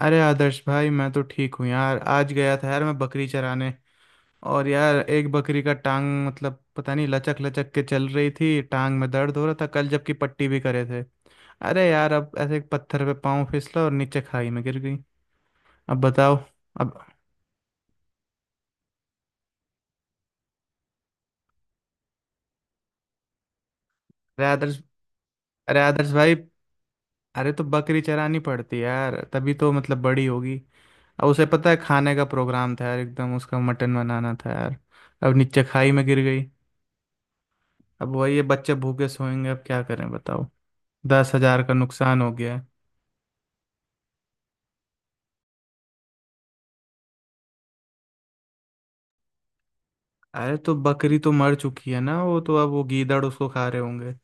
अरे आदर्श भाई, मैं तो ठीक हूँ यार। आज गया था यार मैं बकरी चराने। और यार एक बकरी का टांग मतलब पता नहीं, लचक लचक के चल रही थी। टांग में दर्द हो रहा था कल, जबकि पट्टी भी करे थे। अरे यार, अब ऐसे एक पत्थर पे पाँव फिसला और नीचे खाई में गिर गई। अब बताओ। अब अरे आदर्श अरे आदर्श भाई, अरे तो बकरी चरानी पड़ती है यार, तभी तो मतलब बड़ी होगी। अब उसे पता है खाने का प्रोग्राम था यार, एकदम उसका मटन बनाना था यार। अब नीचे खाई में गिर गई। अब वही, ये बच्चे भूखे सोएंगे, अब क्या करें बताओ। 10,000 का नुकसान हो गया है। अरे तो बकरी तो मर चुकी है ना, वो तो अब वो गीदड़ उसको खा रहे होंगे।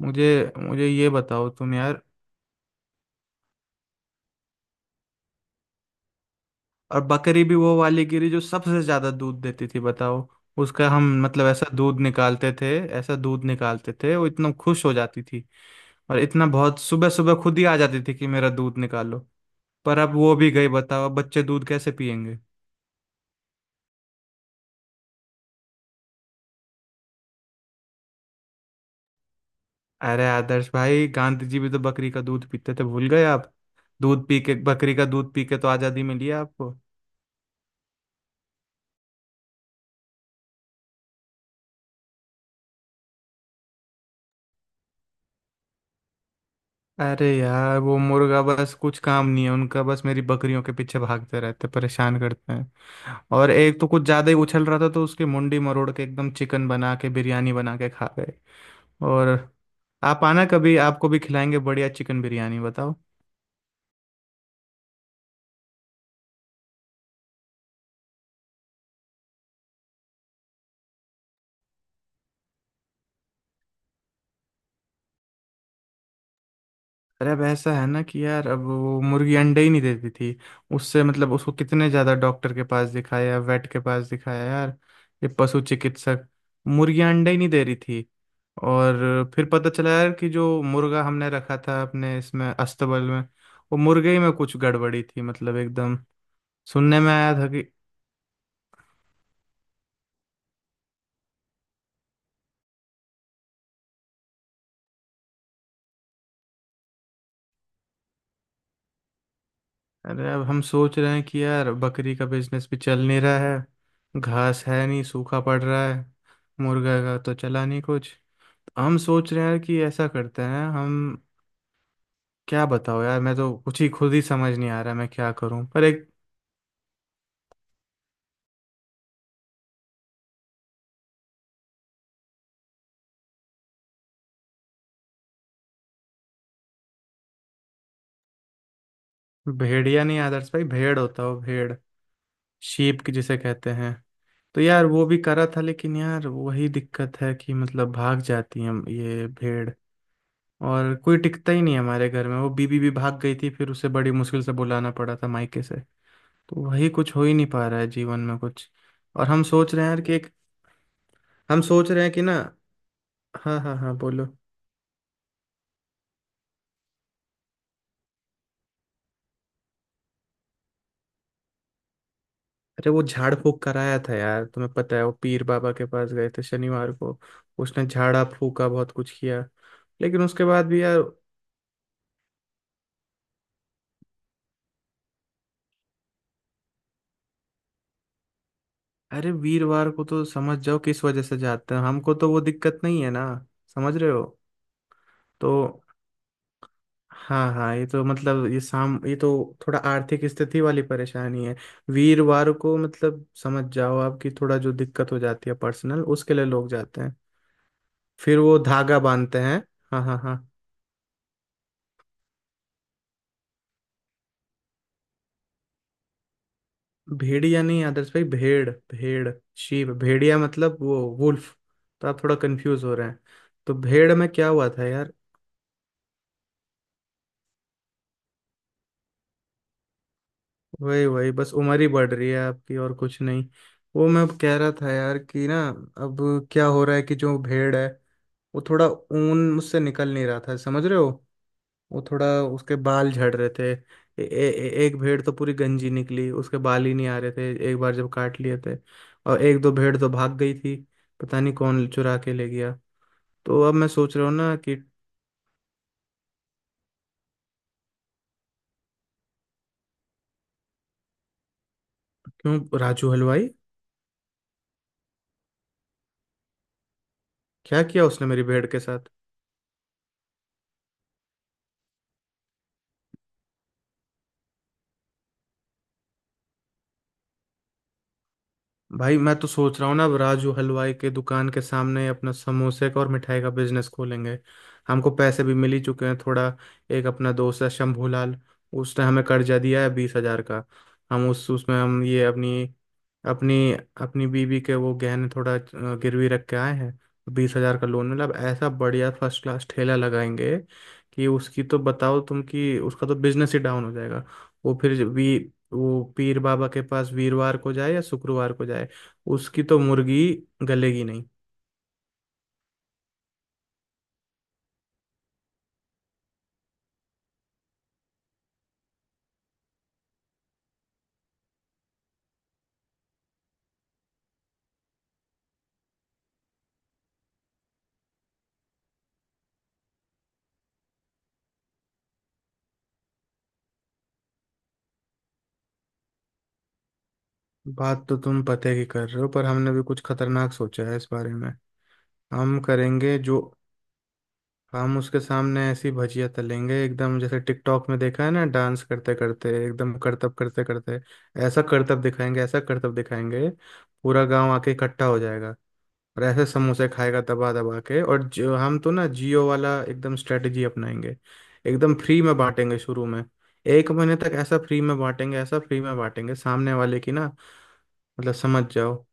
मुझे मुझे ये बताओ तुम यार। और बकरी भी वो वाली गिरी जो सबसे ज्यादा दूध देती थी, बताओ। उसका हम मतलब ऐसा दूध निकालते थे, ऐसा दूध निकालते थे, वो इतना खुश हो जाती थी। और इतना, बहुत सुबह सुबह खुद ही आ जाती थी कि मेरा दूध निकालो। पर अब वो भी गई, बताओ अब बच्चे दूध कैसे पियेंगे। अरे आदर्श भाई, गांधी जी भी तो बकरी का दूध पीते थे, भूल गए आप। दूध पी के, बकरी का दूध पी के तो आजादी मिली है आपको। अरे यार, वो मुर्गा बस, कुछ काम नहीं है उनका, बस मेरी बकरियों के पीछे भागते रहते, परेशान करते हैं। और एक तो कुछ ज्यादा ही उछल रहा था, तो उसकी मुंडी मरोड़ के एकदम चिकन बना के बिरयानी बना के खा गए। और आप आना कभी, आपको भी खिलाएंगे बढ़िया चिकन बिरयानी, बताओ। अरे अब ऐसा है ना कि यार, अब वो मुर्गी अंडे ही नहीं देती थी। उससे मतलब उसको कितने ज़्यादा डॉक्टर के पास दिखाया, वेट के पास दिखाया यार, ये पशु चिकित्सक। मुर्गियाँ अंडे ही नहीं दे रही थी। और फिर पता चला यार कि जो मुर्गा हमने रखा था अपने इसमें अस्तबल में, वो मुर्गे ही में कुछ गड़बड़ी थी, मतलब एकदम सुनने में आया था कि। अरे अब हम सोच रहे हैं कि यार बकरी का बिजनेस भी चल नहीं रहा है, घास है नहीं, सूखा पड़ रहा है। मुर्गा का तो चला नहीं कुछ। हम सोच रहे हैं यार कि ऐसा करते हैं हम। क्या बताओ यार, मैं तो कुछ ही खुद ही समझ नहीं आ रहा मैं क्या करूं, पर एक। भेड़िया नहीं आदर्श भाई, भेड़ होता हो भेड़, शीप की जिसे कहते हैं। तो यार वो भी करा था, लेकिन यार वही दिक्कत है कि मतलब भाग जाती है ये भेड़। और कोई टिकता ही नहीं है हमारे घर में, वो बीबी भी भाग गई थी, फिर उसे बड़ी मुश्किल से बुलाना पड़ा था मायके से। तो वही, कुछ हो ही नहीं पा रहा है जीवन में कुछ। और हम सोच रहे हैं यार कि एक, हम सोच रहे हैं कि ना। हाँ हाँ हाँ बोलो। अरे वो झाड़ फूक कराया था यार, तुम्हें पता है, वो पीर बाबा के पास गए थे शनिवार को। उसने झाड़ा फूका बहुत कुछ किया। लेकिन उसके बाद भी यार। अरे वीरवार को तो समझ जाओ किस वजह से जाते हैं, हमको तो वो दिक्कत नहीं है ना, समझ रहे हो। तो हाँ हाँ, ये तो मतलब ये साम ये तो थोड़ा आर्थिक स्थिति वाली परेशानी है। वीरवार को मतलब समझ जाओ आपकी थोड़ा जो दिक्कत हो जाती है पर्सनल, उसके लिए लोग जाते हैं। फिर वो धागा बांधते हैं। हाँ हाँ हाँ। भेड़िया नहीं आदर्श भाई, भेड़ भेड़, शीप, भेड़िया मतलब वो वुल्फ। तो आप थोड़ा कंफ्यूज हो रहे हैं। तो भेड़ में क्या हुआ था यार। वही वही बस उम्र ही बढ़ रही है आपकी और कुछ नहीं। वो मैं अब कह रहा था यार कि ना, अब क्या हो रहा है कि जो भेड़ है वो थोड़ा ऊन मुझसे निकल नहीं रहा था, समझ रहे हो। वो थोड़ा, उसके बाल झड़ रहे थे। ए, ए, ए- एक भेड़ तो पूरी गंजी निकली, उसके बाल ही नहीं आ रहे थे एक बार जब काट लिए थे। और एक दो भेड़ तो भाग गई थी, पता नहीं कौन चुरा के ले गया। तो अब मैं सोच रहा हूँ ना कि। क्यों राजू हलवाई? क्या किया उसने मेरी भेड़ के साथ? भाई मैं तो सोच रहा हूँ ना, अब राजू हलवाई के दुकान के सामने अपना समोसे का और मिठाई का बिजनेस खोलेंगे। हमको पैसे भी मिल ही चुके हैं थोड़ा। एक अपना दोस्त है शंभूलाल, उसने हमें कर्जा दिया है 20,000 का। हम उस उसमें हम ये अपनी, अपनी अपनी बीवी के वो गहने थोड़ा गिरवी रख के आए हैं। 20,000 का लोन मिला, अब ऐसा बढ़िया फर्स्ट क्लास ठेला लगाएंगे कि उसकी तो, बताओ तुम, कि उसका तो बिजनेस ही डाउन हो जाएगा। वो फिर भी, वो पीर बाबा के पास वीरवार को जाए या शुक्रवार को जाए, उसकी तो मुर्गी गलेगी नहीं। बात तो तुम पते की कर रहे हो, पर हमने भी कुछ खतरनाक सोचा है इस बारे में। हम करेंगे जो, हम उसके सामने ऐसी भजिया तलेंगे एकदम, जैसे टिकटॉक में देखा है ना, डांस करते करते एकदम करतब करते करते, ऐसा करतब दिखाएंगे, ऐसा करतब दिखाएंगे, पूरा गांव आके इकट्ठा हो जाएगा। और ऐसे समोसे खाएगा दबा दबा के। और जो हम तो ना जियो वाला एकदम स्ट्रेटजी अपनाएंगे, एकदम फ्री में बांटेंगे शुरू में। एक महीने तक ऐसा फ्री में बांटेंगे, ऐसा फ्री में बांटेंगे सामने वाले की ना, मतलब समझ जाओ।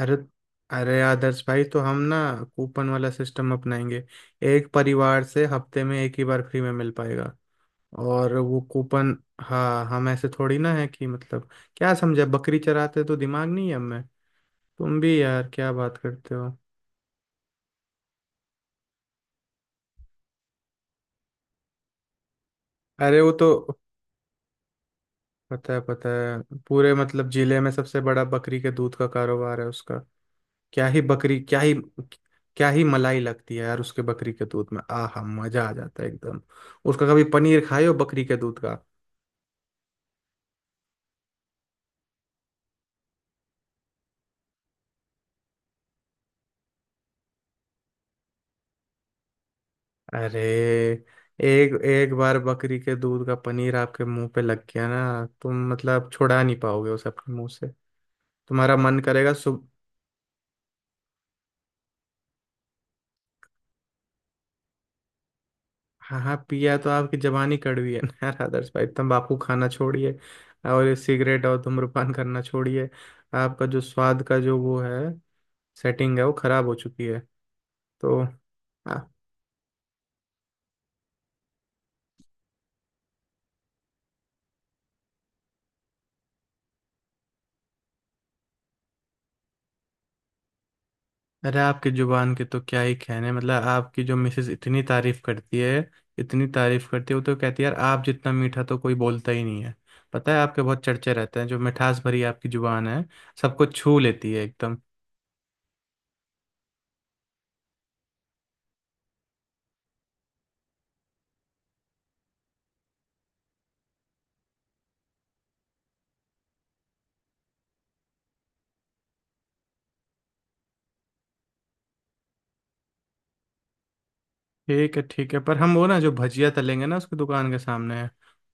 अरे अरे आदर्श भाई, तो हम ना कूपन वाला सिस्टम अपनाएंगे। एक परिवार से हफ्ते में एक ही बार फ्री में मिल पाएगा। और वो कूपन, हाँ हम ऐसे थोड़ी ना है कि मतलब, क्या समझा, बकरी चराते तो दिमाग नहीं है हमें, तुम भी यार क्या बात करते हो। अरे वो तो, पता है पता है, पूरे मतलब जिले में सबसे बड़ा बकरी के दूध का कारोबार है उसका। क्या ही बकरी, क्या ही, क्या ही मलाई लगती है यार उसके बकरी के दूध में, आहा मजा आ जाता है एकदम। उसका कभी पनीर खाए हो बकरी के दूध का? अरे एक एक बार बकरी के दूध का पनीर आपके मुंह पे लग गया ना, तुम मतलब छुड़ा नहीं पाओगे उसे अपने मुंह से। तुम्हारा मन करेगा। हाँ हाँ पिया तो, आपकी जबानी कड़वी है ना यार आदर्श भाई, तंबाकू खाना छोड़िए, और ये सिगरेट और धूम्रपान करना छोड़िए। आपका जो स्वाद का जो वो है, सेटिंग है, वो खराब हो चुकी है। तो आ, अरे आपकी जुबान के तो क्या ही कहने, मतलब आपकी जो मिसेज इतनी तारीफ करती है, इतनी तारीफ करती है, वो तो कहती है यार आप जितना मीठा तो कोई बोलता ही नहीं है। पता है आपके बहुत चर्चे रहते हैं, जो मिठास भरी आपकी जुबान है, सबको छू लेती है एकदम। ठीक है ठीक है, पर हम वो ना जो भजिया तलेंगे ना उसकी दुकान के सामने है।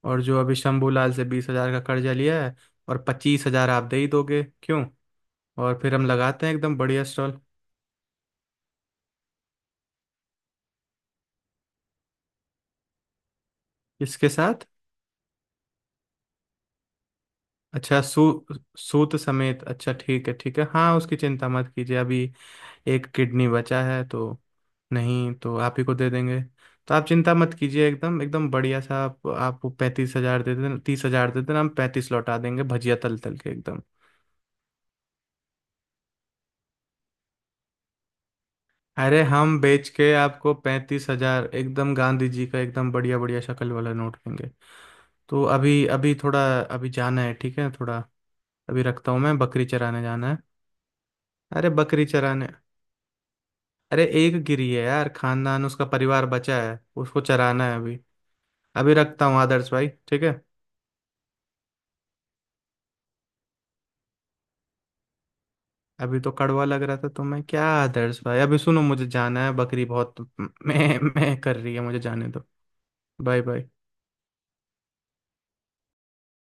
और जो अभी शंभूलाल से 20,000 का कर्जा लिया है, और 25,000 आप दे ही दोगे क्यों। और फिर हम लगाते हैं एकदम बढ़िया स्टॉल इसके साथ। अच्छा सू सूत समेत, अच्छा ठीक है ठीक है, हाँ उसकी चिंता मत कीजिए अभी। एक किडनी बचा है तो, नहीं तो आप ही को दे देंगे। तो आप चिंता मत कीजिए, एकदम एकदम बढ़िया सा, आप आपको 35,000 दे देना, 30,000 दे देना, हम 35 लौटा देंगे भजिया तल तल के एकदम। अरे हम बेच के आपको 35,000 एकदम गांधी जी का एकदम बढ़िया बढ़िया शक्ल वाला नोट देंगे। तो अभी अभी थोड़ा, अभी जाना है ठीक है थोड़ा, अभी रखता हूँ, मैं बकरी चराने जाना है। अरे बकरी चराने, अरे एक गिरी है यार, खानदान उसका परिवार बचा है, उसको चराना है अभी। अभी रखता हूँ आदर्श भाई, ठीक है। अभी तो कड़वा लग रहा था, तो मैं क्या आदर्श भाई अभी, सुनो मुझे जाना है, बकरी बहुत मैं कर रही है, मुझे जाने दो। Bye bye.